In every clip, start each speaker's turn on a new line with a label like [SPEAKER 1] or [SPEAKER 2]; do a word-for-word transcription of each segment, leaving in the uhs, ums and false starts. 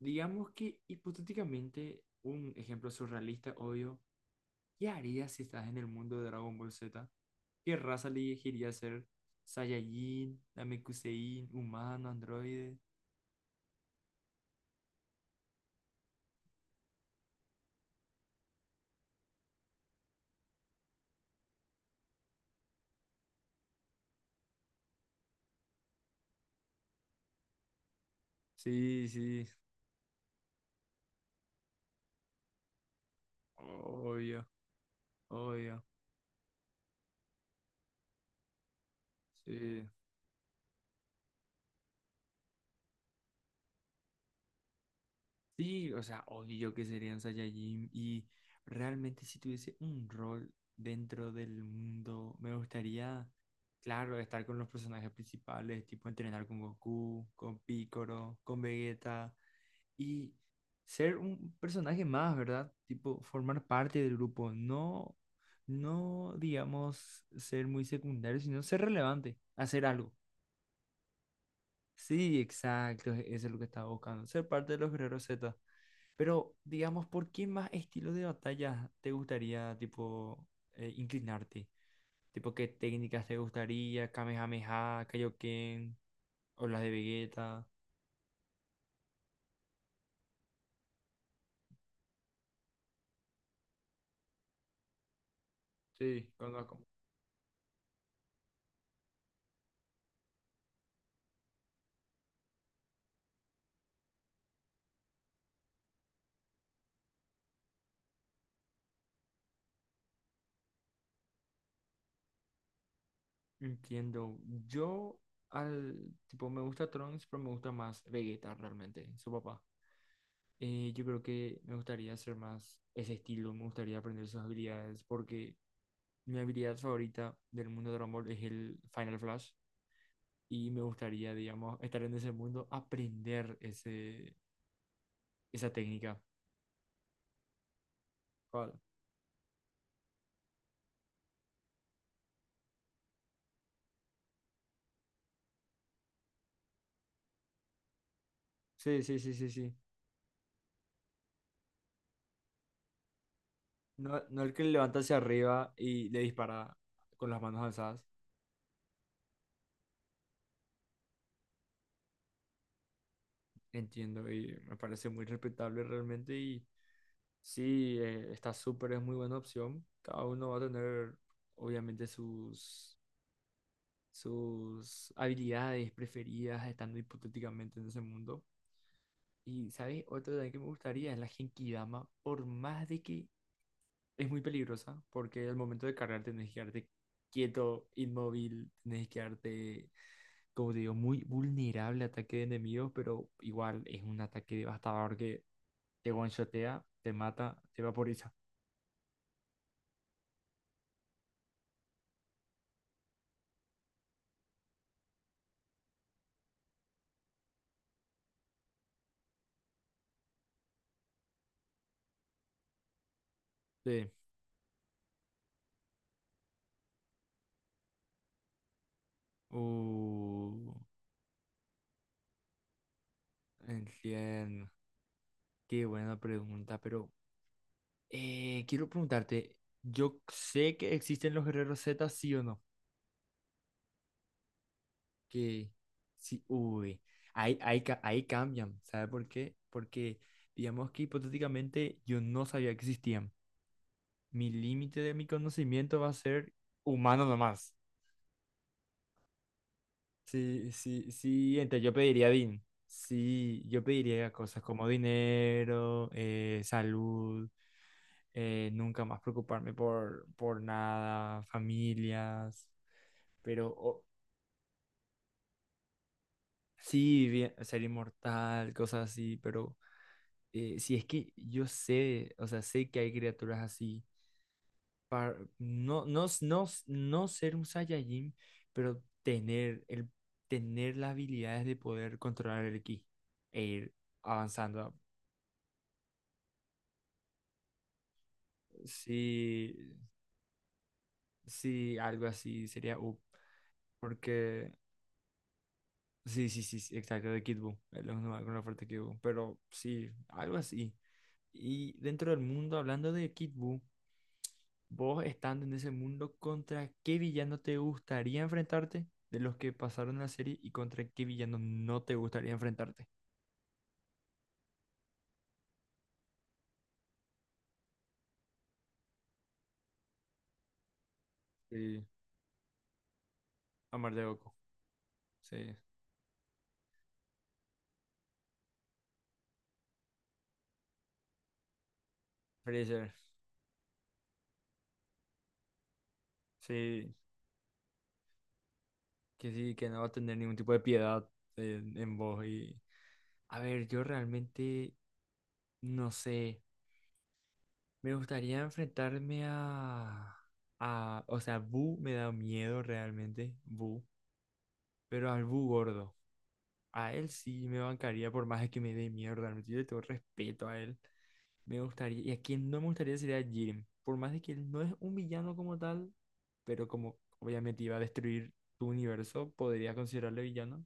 [SPEAKER 1] Digamos que hipotéticamente, un ejemplo surrealista, obvio, ¿qué harías si estás en el mundo de Dragon Ball Z? ¿Qué raza elegirías ser? ¿Saiyajin, Namekusein, humano, androide? Sí, sí, obvio, obvio. Sí. Sí, o sea, obvio que serían Saiyajin y realmente si tuviese un rol dentro del mundo, me gustaría, claro, estar con los personajes principales, tipo entrenar con Goku, con Piccolo, con Vegeta y ser un personaje más, ¿verdad? Tipo formar parte del grupo, no, no digamos ser muy secundario, sino ser relevante, hacer algo. Sí, exacto, e-, eso es lo que estaba buscando, ser parte de los Guerreros Z. Pero, digamos, ¿por qué más estilo de batalla te gustaría, tipo, eh, inclinarte? Tipo, ¿qué técnicas te gustaría? Kamehameha, Kaioken, o las de Vegeta. Sí, conozco. Entiendo. Yo, al, tipo, me gusta Trunks, pero me gusta más Vegeta realmente, su papá. Eh, yo creo que me gustaría hacer más ese estilo, me gustaría aprender sus habilidades, porque mi habilidad favorita del mundo de Dragon Ball es el Final Flash. Y me gustaría, digamos, estar en ese mundo, aprender ese, esa técnica. Claro. Sí, sí, sí, sí, sí. No, no el que levanta hacia arriba y le dispara con las manos alzadas. Entiendo y me parece muy respetable realmente y sí, eh, está súper, es muy buena opción. Cada uno va a tener obviamente sus, sus habilidades preferidas estando hipotéticamente en ese mundo. Y, ¿sabes? Otra también que me gustaría es la Genkidama, por más de que es muy peligrosa porque al momento de cargar tenés que quedarte quieto, inmóvil, tenés que quedarte, como te digo, muy vulnerable a ataque de enemigos, pero igual es un ataque devastador que te one-shotea, te mata, te vaporiza. Sí. Uh, entiendo. Qué buena pregunta, pero eh, quiero preguntarte, yo sé que existen los guerreros Z, ¿sí o no? Que sí, uy, ahí, ahí, ca- ahí cambian, ¿sabe por qué? Porque digamos que hipotéticamente yo no sabía que existían. Mi límite de mi conocimiento va a ser humano nomás. Sí, sí, sí, entonces yo pediría din. Sí, yo pediría cosas como dinero, eh, salud, eh, nunca más preocuparme por, por nada, familias, pero o- sí, bien- ser inmortal, cosas así, pero eh, si es que yo sé, o sea, sé que hay criaturas así, para, no, no, no, no ser un Saiyajin, pero tener, el, tener las habilidades de poder controlar el ki e ir avanzando. Sí, sí, algo así sería up, porque sí, sí, sí, sí, exacto, de Kid Buu, es lo con la oferta de Kid Buu, pero sí, algo así. Y dentro del mundo, hablando de Kid Buu, vos estando en ese mundo, ¿contra qué villano te gustaría enfrentarte de los que pasaron la serie y contra qué villano no te gustaría enfrentarte? Sí, Amar de Goku. Sí, Freezer. Sí, que sí, que no va a tener ningún tipo de piedad en, en vos. Y... A ver, yo realmente no sé. Me gustaría enfrentarme a... a... O sea, Boo me da miedo realmente, Boo. Pero al Boo gordo. A él sí me bancaría por más de que me dé mierda. Realmente, yo le tengo respeto a él. Me gustaría. Y a quien no me gustaría sería a Jiren. Por más de que él no es un villano como tal, pero como obviamente iba a destruir tu universo, podría considerarle villano.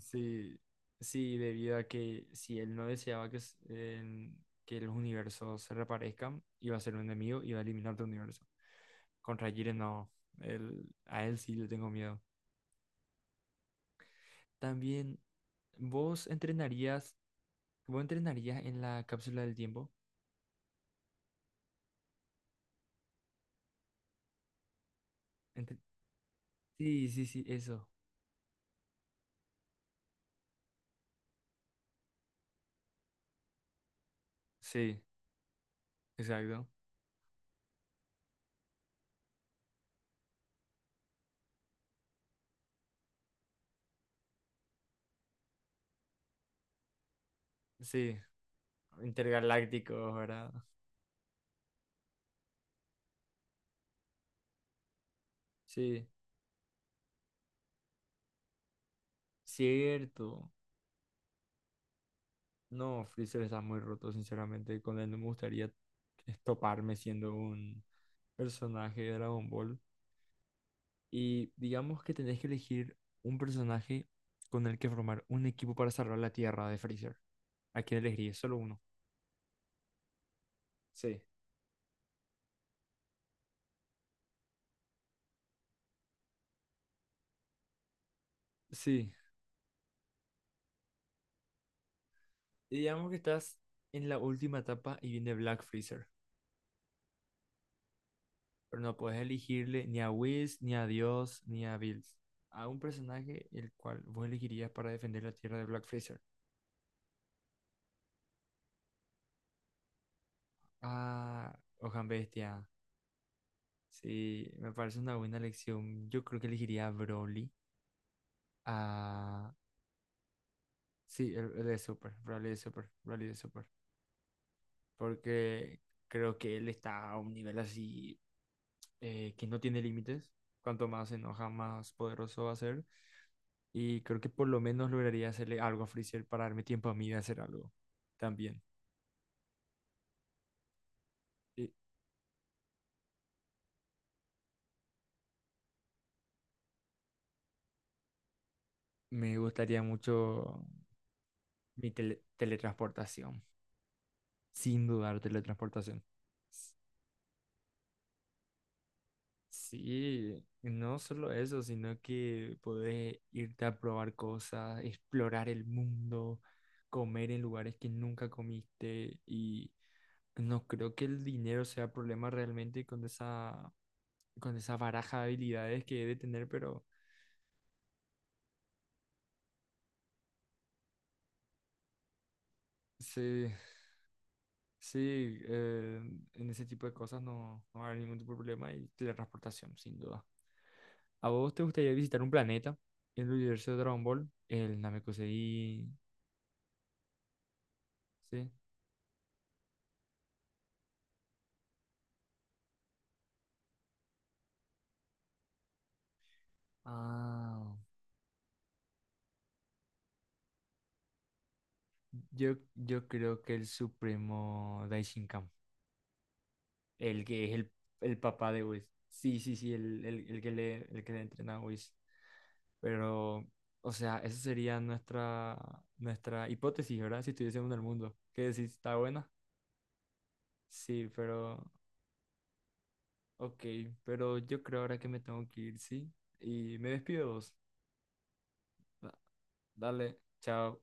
[SPEAKER 1] Sí, sí, debido a que si él no deseaba que, s- en- que los universos se reparezcan, iba a ser un enemigo, iba a eliminar tu universo. Contra Jiren no. Él- a él sí le tengo miedo. También, ¿vos entrenarías ¿cómo entrenaría en la cápsula del tiempo? Entre- Sí, sí, sí, eso. Sí, exacto. Sí, intergalácticos, ¿verdad? Sí, cierto. No, Freezer está muy roto, sinceramente. Con él no me gustaría estoparme siendo un personaje de Dragon Ball. Y digamos que tenés que elegir un personaje con el que formar un equipo para salvar la Tierra de Freezer. ¿A quién elegirías? Solo uno. Sí. Sí. Y digamos que estás en la última etapa y viene Black Freezer. Pero no puedes elegirle ni a Whis, ni a Dios, ni a Bills. A un personaje el cual vos elegirías para defender la tierra de Black Freezer. Ah, Ojan Bestia. Sí, me parece una buena elección. Yo creo que elegiría a Broly. A... Sí, el, el de Super. Broly de Super. Broly de Super. Porque creo que él está a un nivel así eh, que no tiene límites. Cuanto más se enoja, más poderoso va a ser. Y creo que por lo menos lograría hacerle algo a Freezer para darme tiempo a mí de hacer algo también. Y me gustaría mucho mi tele- teletransportación. Sin dudar, teletransportación. S- Sí, no solo eso, sino que poder irte a probar cosas, explorar el mundo, comer en lugares que nunca comiste y no creo que el dinero sea problema realmente con esa, con esa baraja de habilidades que he de tener, pero sí, sí, eh, en ese tipo de cosas no, no va a haber ningún tipo de problema y teletransportación, sin duda. ¿A vos te gustaría visitar un planeta? El universo de Dragon Ball, el Namekusei, ¿sí? Ah, yo, yo creo que el supremo Daishinkan, el que es el, el papá de Whis. Sí, sí, sí, el, el, el que le, el que le entrena a Whis. Pero, o sea, esa sería nuestra, nuestra hipótesis, ¿verdad? Si estuviésemos en el mundo. ¿Qué decís? ¿Está buena? Sí, pero ok, pero yo creo ahora que me tengo que ir, ¿sí? Y me despido de vos. Da- Dale, chao.